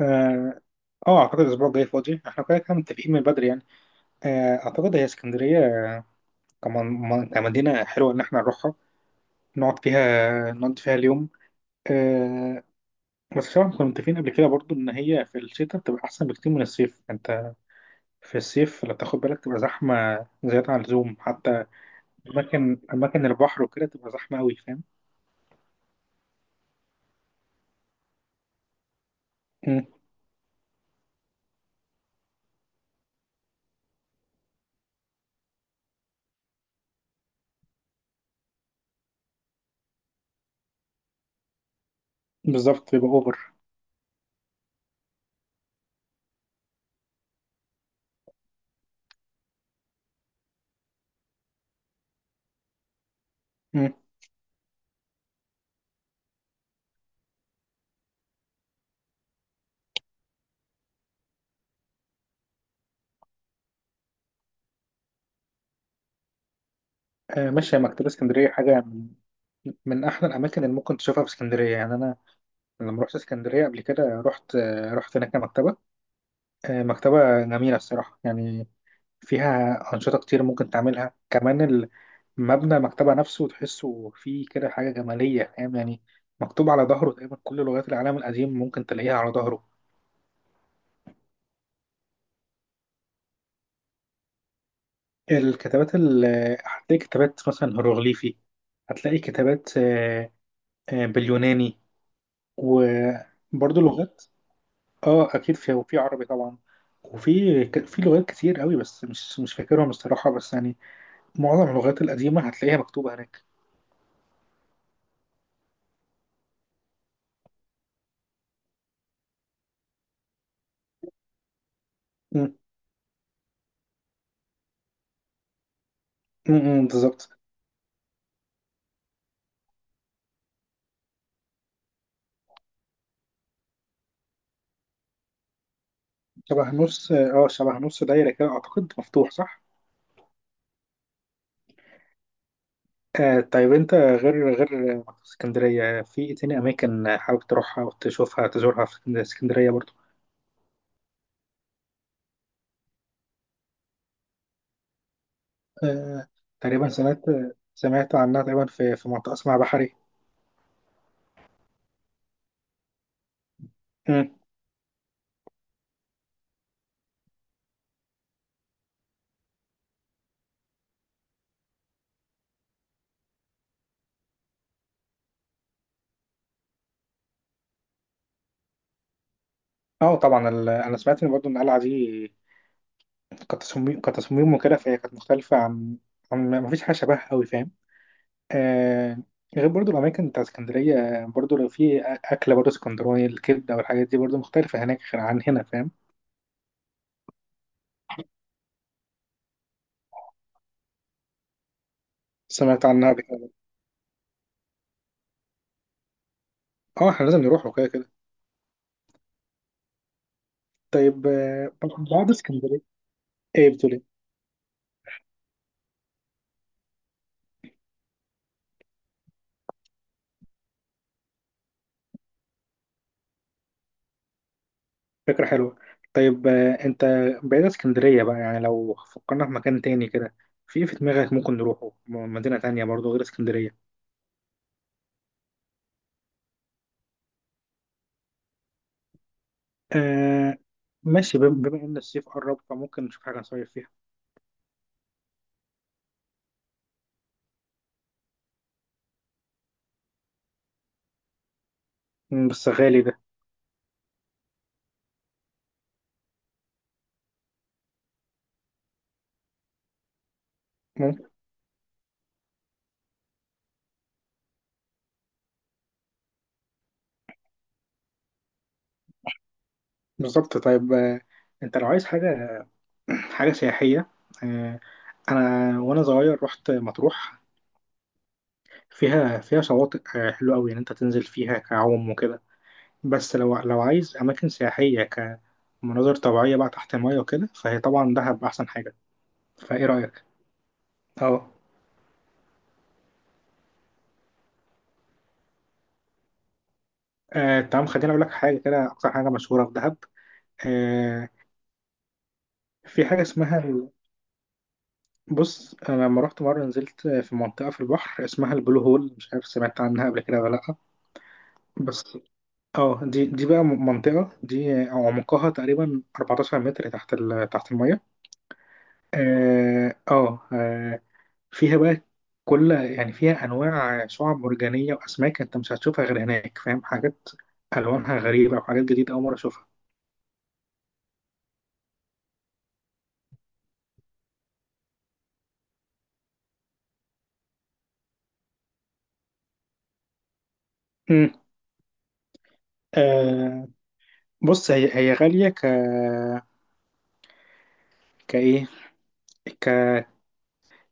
اه اعتقد الاسبوع الجاي فاضي. احنا كده كده متفقين من بدري يعني. اعتقد هي اسكندريه، كمان كمدينه حلوه ان احنا نروحها، نقعد فيها اليوم. آه، بس طبعا كنا متفقين قبل كده برضو ان هي في الشتاء بتبقى احسن بكتير من الصيف. انت في الصيف لو تاخد بالك تبقى زحمه زياده عن اللزوم، حتى اماكن البحر وكده تبقى زحمه قوي، فاهم. مم، بالظبط، بيبقى اوفر. مم. ماشي، يا مكتبه اسكندريه حاجه من احلى الاماكن اللي ممكن تشوفها في اسكندريه يعني. أنا لما رحت اسكندرية قبل كده رحت هناك مكتبة، مكتبة جميلة الصراحة يعني. فيها أنشطة كتير ممكن تعملها كمان. مبنى المكتبة نفسه تحسه فيه كده حاجة جمالية، فاهم يعني. مكتوب على ظهره تقريبا كل لغات العالم القديم ممكن تلاقيها على ظهره. الكتابات ال... هتلاقي كتابات مثلا هيروغليفي، هتلاقي كتابات باليوناني، وبرضه لغات. اه اكيد في، وفي عربي طبعا. في لغات كتير قوي بس مش فاكرهم الصراحه، بس يعني معظم اللغات القديمه هتلاقيها مكتوبه هناك. م- م- م، بالظبط. شبه نص، اه شبه نص دايره كده اعتقد، مفتوح، صح. آه طيب، انت غير مكتبة اسكندريه في ايه تاني اماكن حابب تروحها وتشوفها تزورها في اسكندريه برضو؟ آه، تقريبا سمعت، سمعت عنها تقريبا في منطقه اسمها بحري. م. اه طبعا، انا سمعت ان برضو ان القلعه دي كتصميم وكده، فهي كانت مختلفة عن، عن ما فيش حاجة شبهها أوي، فاهم. آه، غير برضو الأماكن بتاع اسكندرية، برضو لو في أكلة برضو اسكندراني، الكبدة والحاجات دي برضو مختلفة هناك غير عن هنا، فاهم. سمعت عنها قبل كده. اه احنا لازم نروح وكده كده. طيب، آه، بعد اسكندرية ايه؟ بتقول ايه؟ فكرة حلوة. طيب آه، انت بعيد عن اسكندرية بقى يعني، لو فكرنا في مكان تاني كده، في إيه في دماغك ممكن نروحه؟ مدينة تانية برضو غير اسكندرية. آه ماشي، بما ان الصيف قرب فممكن نشوف حاجه نصيف فيها. بس غالي ده. ممكن. بالظبط. طيب آه، انت لو عايز حاجه، حاجه سياحيه، آه انا وانا صغير رحت مطروح، فيها شواطئ آه حلوه قوي، ان انت تنزل فيها كعوم وكده. بس لو عايز اماكن سياحيه كمناظر طبيعيه بقى تحت الميه وكده، فهي طبعا دهب احسن حاجه. فايه رايك؟ اه. تمام، خليني اقول لك حاجه كده. اكتر حاجه مشهوره في دهب آه، في حاجه اسمها، بص انا لما رحت مره نزلت في منطقه في البحر اسمها البلو هول. مش عارف سمعت عنها قبل كده ولا لا. بس اه دي بقى، منطقه دي عمقها تقريبا 14 متر تحت تحت الميه. اه اه آه، فيها بقى كل، يعني فيها انواع شعاب مرجانيه واسماك انت مش هتشوفها غير هناك، فاهم، حاجات الوانها غريبه وحاجات جديده اول مره اشوفها. امم آه بص، هي هي غاليه، ك كايه ك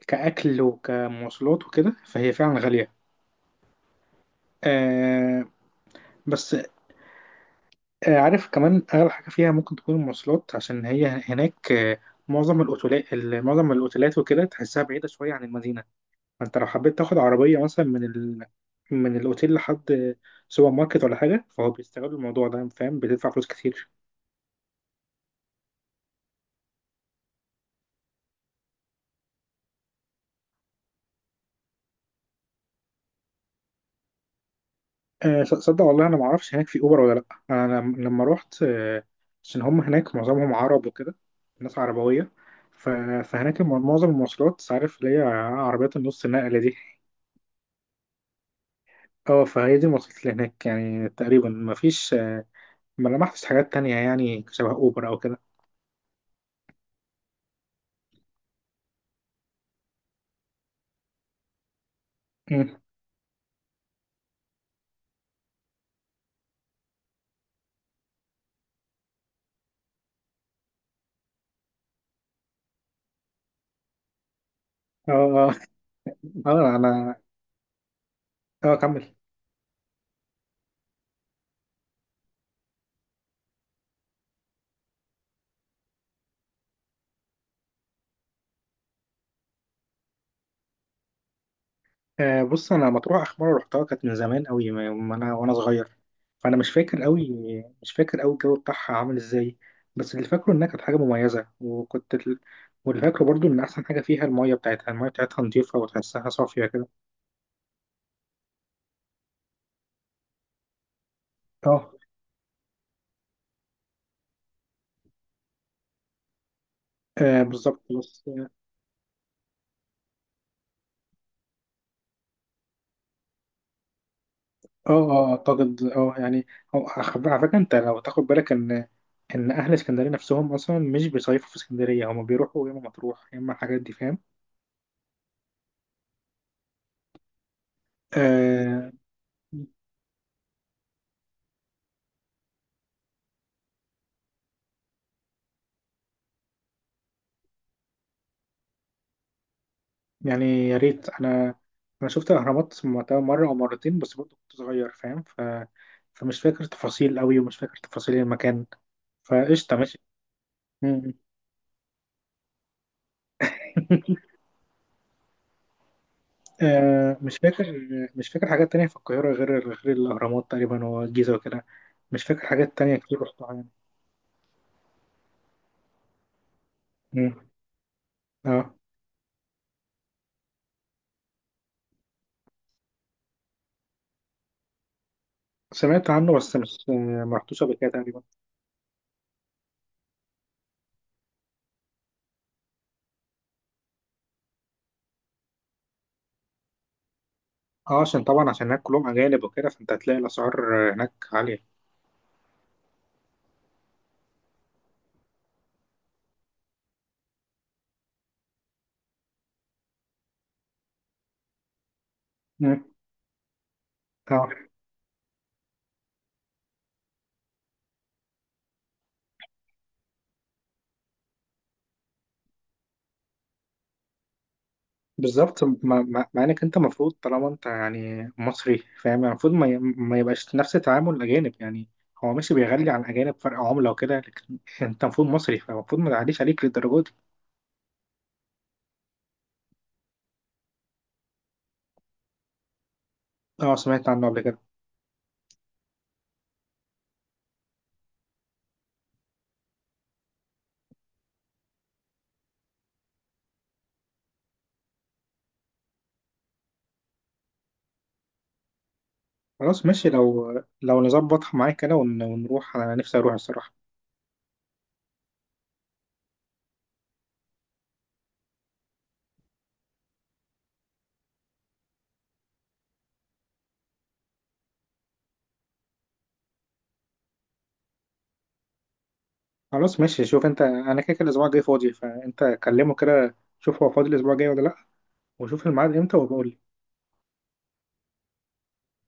كأكل وكمواصلات وكده، فهي فعلا غالية. آه بس آه عارف كمان أغلى حاجة فيها ممكن تكون المواصلات، عشان هي هناك آه، معظم الأوتيلات وكده تحسها بعيدة شوية عن المدينة. فأنت لو حبيت تاخد عربية مثلا من من الأوتيل لحد سوبر ماركت ولا حاجة، فهو بيستغلوا الموضوع ده، فاهم، بتدفع فلوس كتير. صدق والله انا ما اعرفش هناك في اوبر ولا لا. انا لما رحت عشان هم هناك معظمهم عرب وكده، ناس عربويه. ف- فهناك معظم المواصلات عارف اللي هي عربيات النص نقله دي. اه فهي دي المواصلات اللي هناك يعني، تقريبا ما فيش ما لمحتش حاجات تانية يعني شبه اوبر او كده. مم. اه اه اه انا، اه كمل. بص انا مطروح اخر مره رحتها كانت من زمان قوي، ما ما انا وانا صغير، فانا مش فاكر قوي، الجو بتاعها عامل ازاي. بس اللي فاكره انها كانت حاجه مميزه، واللي فاكره برضو ان احسن حاجه فيها الميه بتاعتها، نظيفه وتحسها صافيه كده. اه. آه بالظبط بس اه اه آه، اعتقد اه يعني، على فكره انت لو تاخد بالك ان، ان اهل اسكندريه نفسهم اصلا مش بيصيفوا في اسكندريه، هم بيروحوا يا اما مطروح يا اما الحاجات دي، فاهم. آه يعني يا ريت. انا، انا شفت الاهرامات وقتها مره او مرتين بس برضه كنت صغير، فاهم فمش فاكر تفاصيل قوي، ومش فاكر تفاصيل المكان. فقشطه ماشي. مم. مش فاكر، مش فاكر حاجات تانية في القاهره غير، غير الاهرامات تقريبا والجيزه وكده. مش فاكر حاجات تانية كتير رحتها يعني. مم. اه سمعت عنه، بس مش، ما رحتوش قبل كده تقريبا. اه عشان طبعا، عشان هناك كلهم اجانب وكده، فانت هتلاقي الاسعار هناك عاليه. مم. اه بالظبط، مع انك انت المفروض، طالما انت يعني مصري فاهم، يعني المفروض ما يبقاش نفس تعامل الاجانب يعني. هو ماشي بيغلي عن الاجانب فرق عمله وكده، لكن انت المفروض مصري فالمفروض ما تعليش عليك للدرجه دي. اه سمعت عنه قبل كده. خلاص ماشي، لو نظبط معاك كده ونروح، انا نفسي اروح الصراحه. خلاص ماشي، شوف انت، انا كده كده الاسبوع الجاي فاضي، فانت كلمه كده شوف هو فاضي الاسبوع الجاي ولا لا، وشوف الميعاد امتى وبقول.